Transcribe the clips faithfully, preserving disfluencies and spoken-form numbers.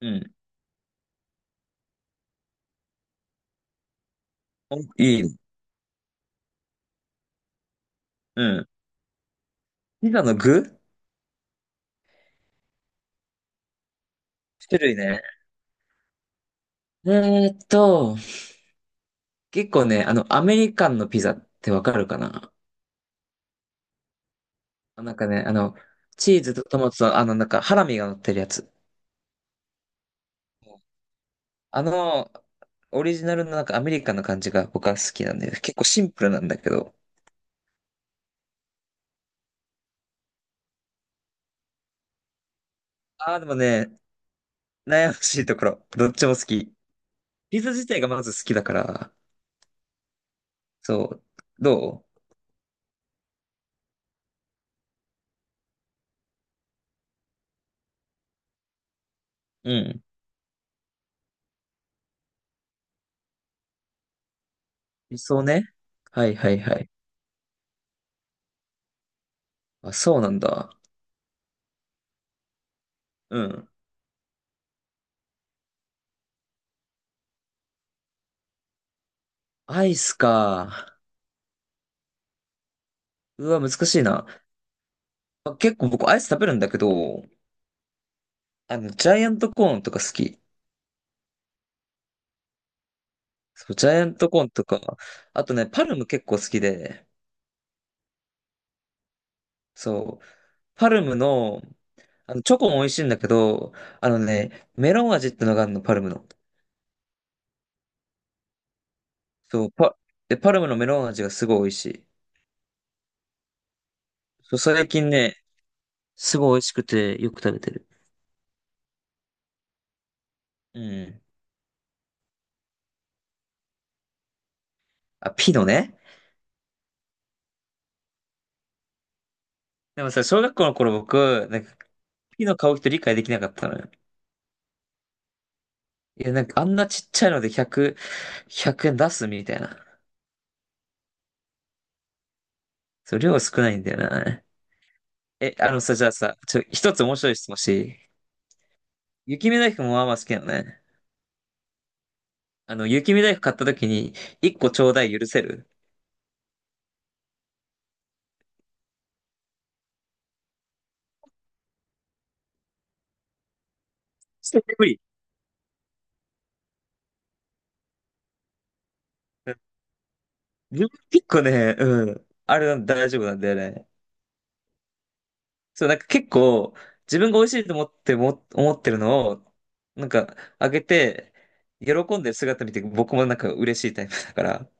うん。おいい。うん。ピザの具、種類ね。えーっと、結構ね、あの、アメリカンのピザってわかるかな？なんかね、あの、チーズとトマトと、あの、なんか、ハラミが乗ってるやつ。あの、オリジナルのなんかアメリカンの感じが僕は好きなんで、結構シンプルなんだけど。ああ、でもね、悩ましいところ。どっちも好き。ピザ自体がまず好きだから。そう。どう、うん。理想ね。はいはいはい。あ、そうなんだ。うん。アイスか。うわ、難しいな。あ、結構僕アイス食べるんだけど、あの、ジャイアントコーンとか好き。そう、ジャイアントコーンとか、あとね、パルム結構好きで、そう、パルムの、あの、チョコも美味しいんだけど、あのね、メロン味ってのがあるの、パルムの。そう、パ、で、パルムのメロン味がすごい美味しい。そう、最近ね、すごい美味しくてよく食べてる。うん。あ、ピノね。でもさ、小学校の頃僕、なんか、ピノ買う人理解できなかったのよ。いや、なんかあんなちっちゃいのでひゃく、円出すみたいな。そう、量少ないんだよな。え、あのさ、じゃあさ、ちょ、一つ面白い質問していい？雪見大福もまあまあ好きなのね。あの、雪見大福買った時に、一個ちょうだい許せる？絶対無理。うん、自分結構ね、うん。あれ大丈夫なんだよね。そう、なんか結構、自分が美味しいと思っても、思ってるのを、なんか、あげて、喜んでる姿見て、僕もなんか嬉しいタイプだから、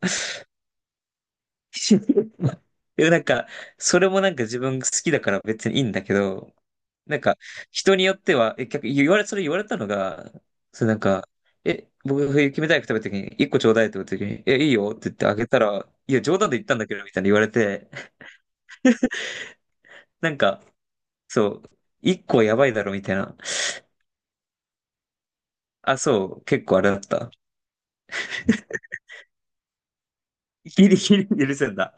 でもなんか、それもなんか自分好きだから別にいいんだけど、なんか、人によっては、え、逆、言われ、それ言われたのが、それなんか、え、僕、冬キムタイ食べた時に、一個ちょうだいって言った時に、え、いいよって言ってあげたら、いや、冗談で言ったんだけど、みたいに言われて、なんか、そう、一個はやばいだろ、みたいな。あ、そう、結構あれだった。ギリギリ許せんだ。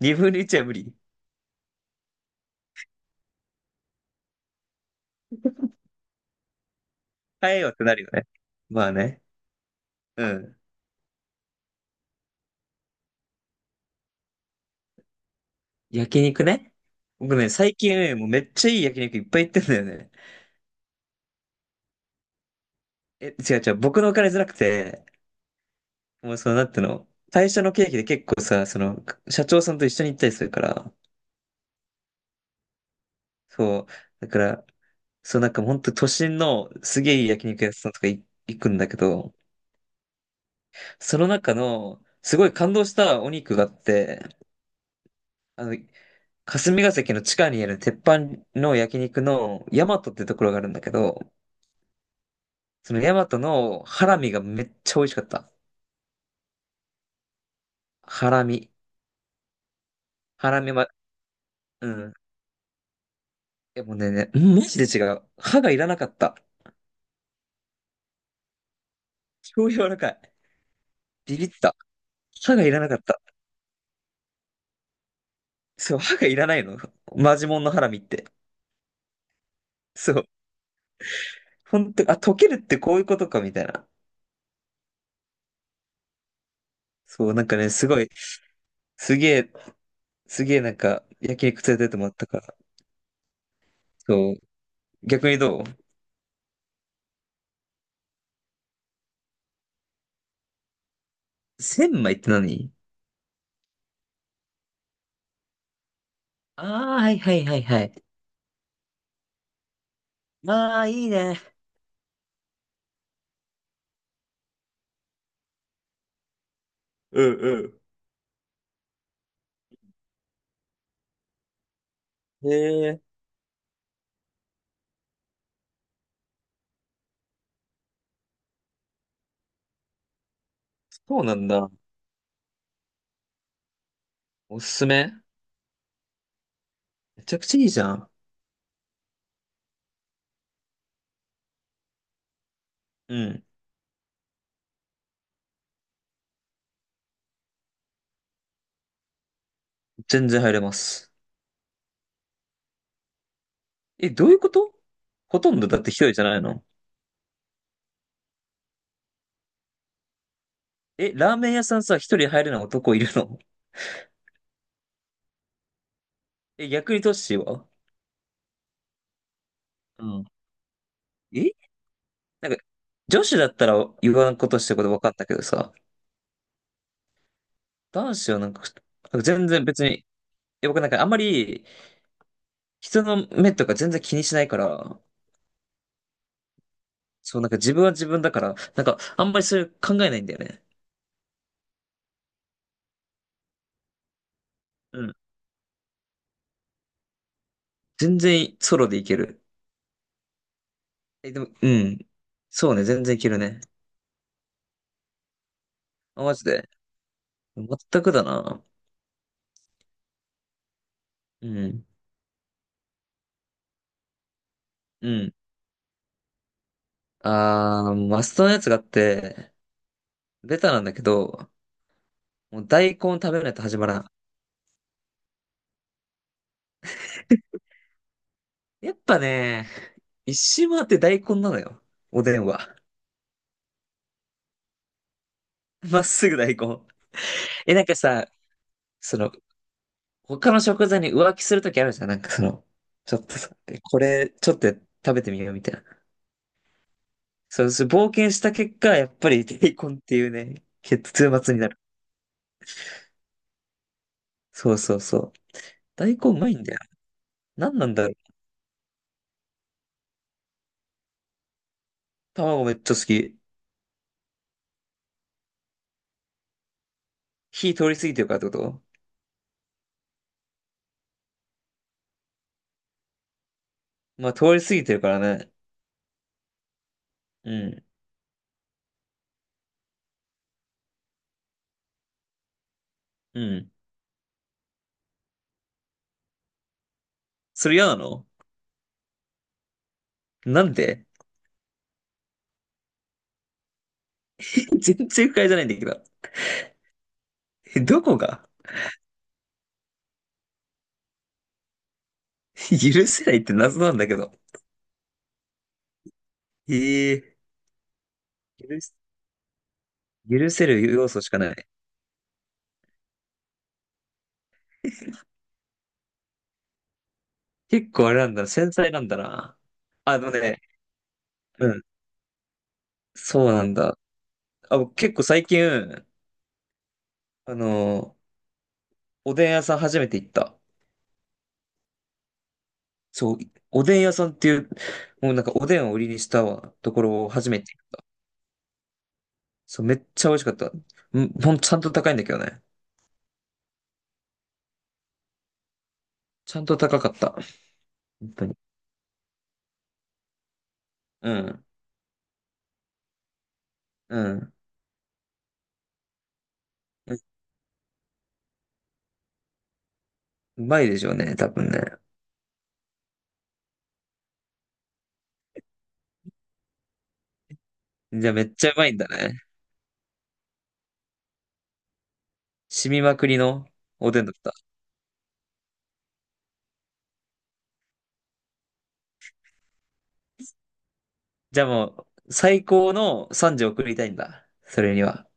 二分の一は無理。変えようってなるよね。まあね。うん。焼肉ね。僕ね、最近ね、もうめっちゃいい焼肉いっぱい行ってんだよね。え、違う違う、僕のお金じゃなくて、もうその、なんていうの、会社の経費で結構さ、その、社長さんと一緒に行ったりするから、そう、だから、そう、なんかほんと都心のすげえいい焼肉屋さんとかい行くんだけど、その中の、すごい感動したお肉があって、あの、霞ヶ関の地下にある鉄板の焼肉の大和ってところがあるんだけど、その大和のハラミがめっちゃ美味しかった。ハラミ。ハラミは、うん。でもね、ね、うん、マジで違う。歯がいらなかった。超柔らかい。ビビった。歯がいらなかった。そう、歯がいらないの。マジモンのハラミって。そう。本当、あ、溶けるってこういうことか、みたいな。そう、なんかね、すごい、すげえ、すげえなんか、焼肉連れてってもらったから。そう。逆にどう？千枚って何？ああー、はいはいはいはい。ああ、いいね。うんうん。へえ、そうなんだ。おすすめ？めちゃくちゃいいじゃん。うん。全然入れます。え、どういうこと？ほとんどだって一人じゃないの？え、ラーメン屋さんさ、一人入れない男いるの？え、逆にトッシーは？うん。え、なんか、女子だったら言わんことしてること分かったけどさ、男子はなんか、なんか全然別に、え、僕なんかあんまり人の目とか全然気にしないから、そう、なんか自分は自分だから、なんかあんまりそういう考えないんだよね。うん。全然ソロでいける。え、でも、うん。そうね、全然いけるね。あ、マジで。全くだな。うん。うん。あー、マストのやつがあって、ベタなんだけど、もう大根食べないと始まらん。やっぱね、一周回って大根なのよ。おでんは。まっすぐ大根。え、なんかさ、その、他の食材に浮気するときあるじゃん。なんかその、ちょっとさ、え、これ、ちょっと食べてみようみたいな。そう、そう冒険した結果、やっぱり大根っていうね、結末になる。そうそうそう。大根うまいんだよ。何なんだろう。卵めっちゃ好き。火通り過ぎてるからってこと？まあ、通り過ぎてるからね。うん。うん。それ嫌なの？なんで？ 全然不快じゃないんだけど。え、どこが？ 許せないって謎なんだけど。ええ、許す、許せる要素しかない。結構あれなんだな、繊細なんだな。あのね、うん。そうなんだ。あ、僕結構最近、あの、おでん屋さん初めて行った。そう、おでん屋さんっていう、もうなんかおでんを売りにしたところを初めて。そう、めっちゃ美味しかった。うん、ほん、ちゃんと高いんだけどね。ちゃんと高かった。本当に。うん。うん。え、うまいでしょうね、多分ね。じゃあめっちゃうまいんだね。染みまくりのおでんだった。じゃあもう、最高の賛辞を送りたいんだ。それには。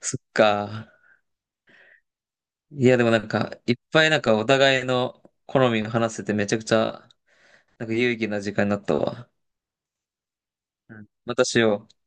そっか。いや、でもなんか、いっぱいなんかお互いの好みが話せてめちゃくちゃ、なんか有意義な時間になったわ。うん。またしよう。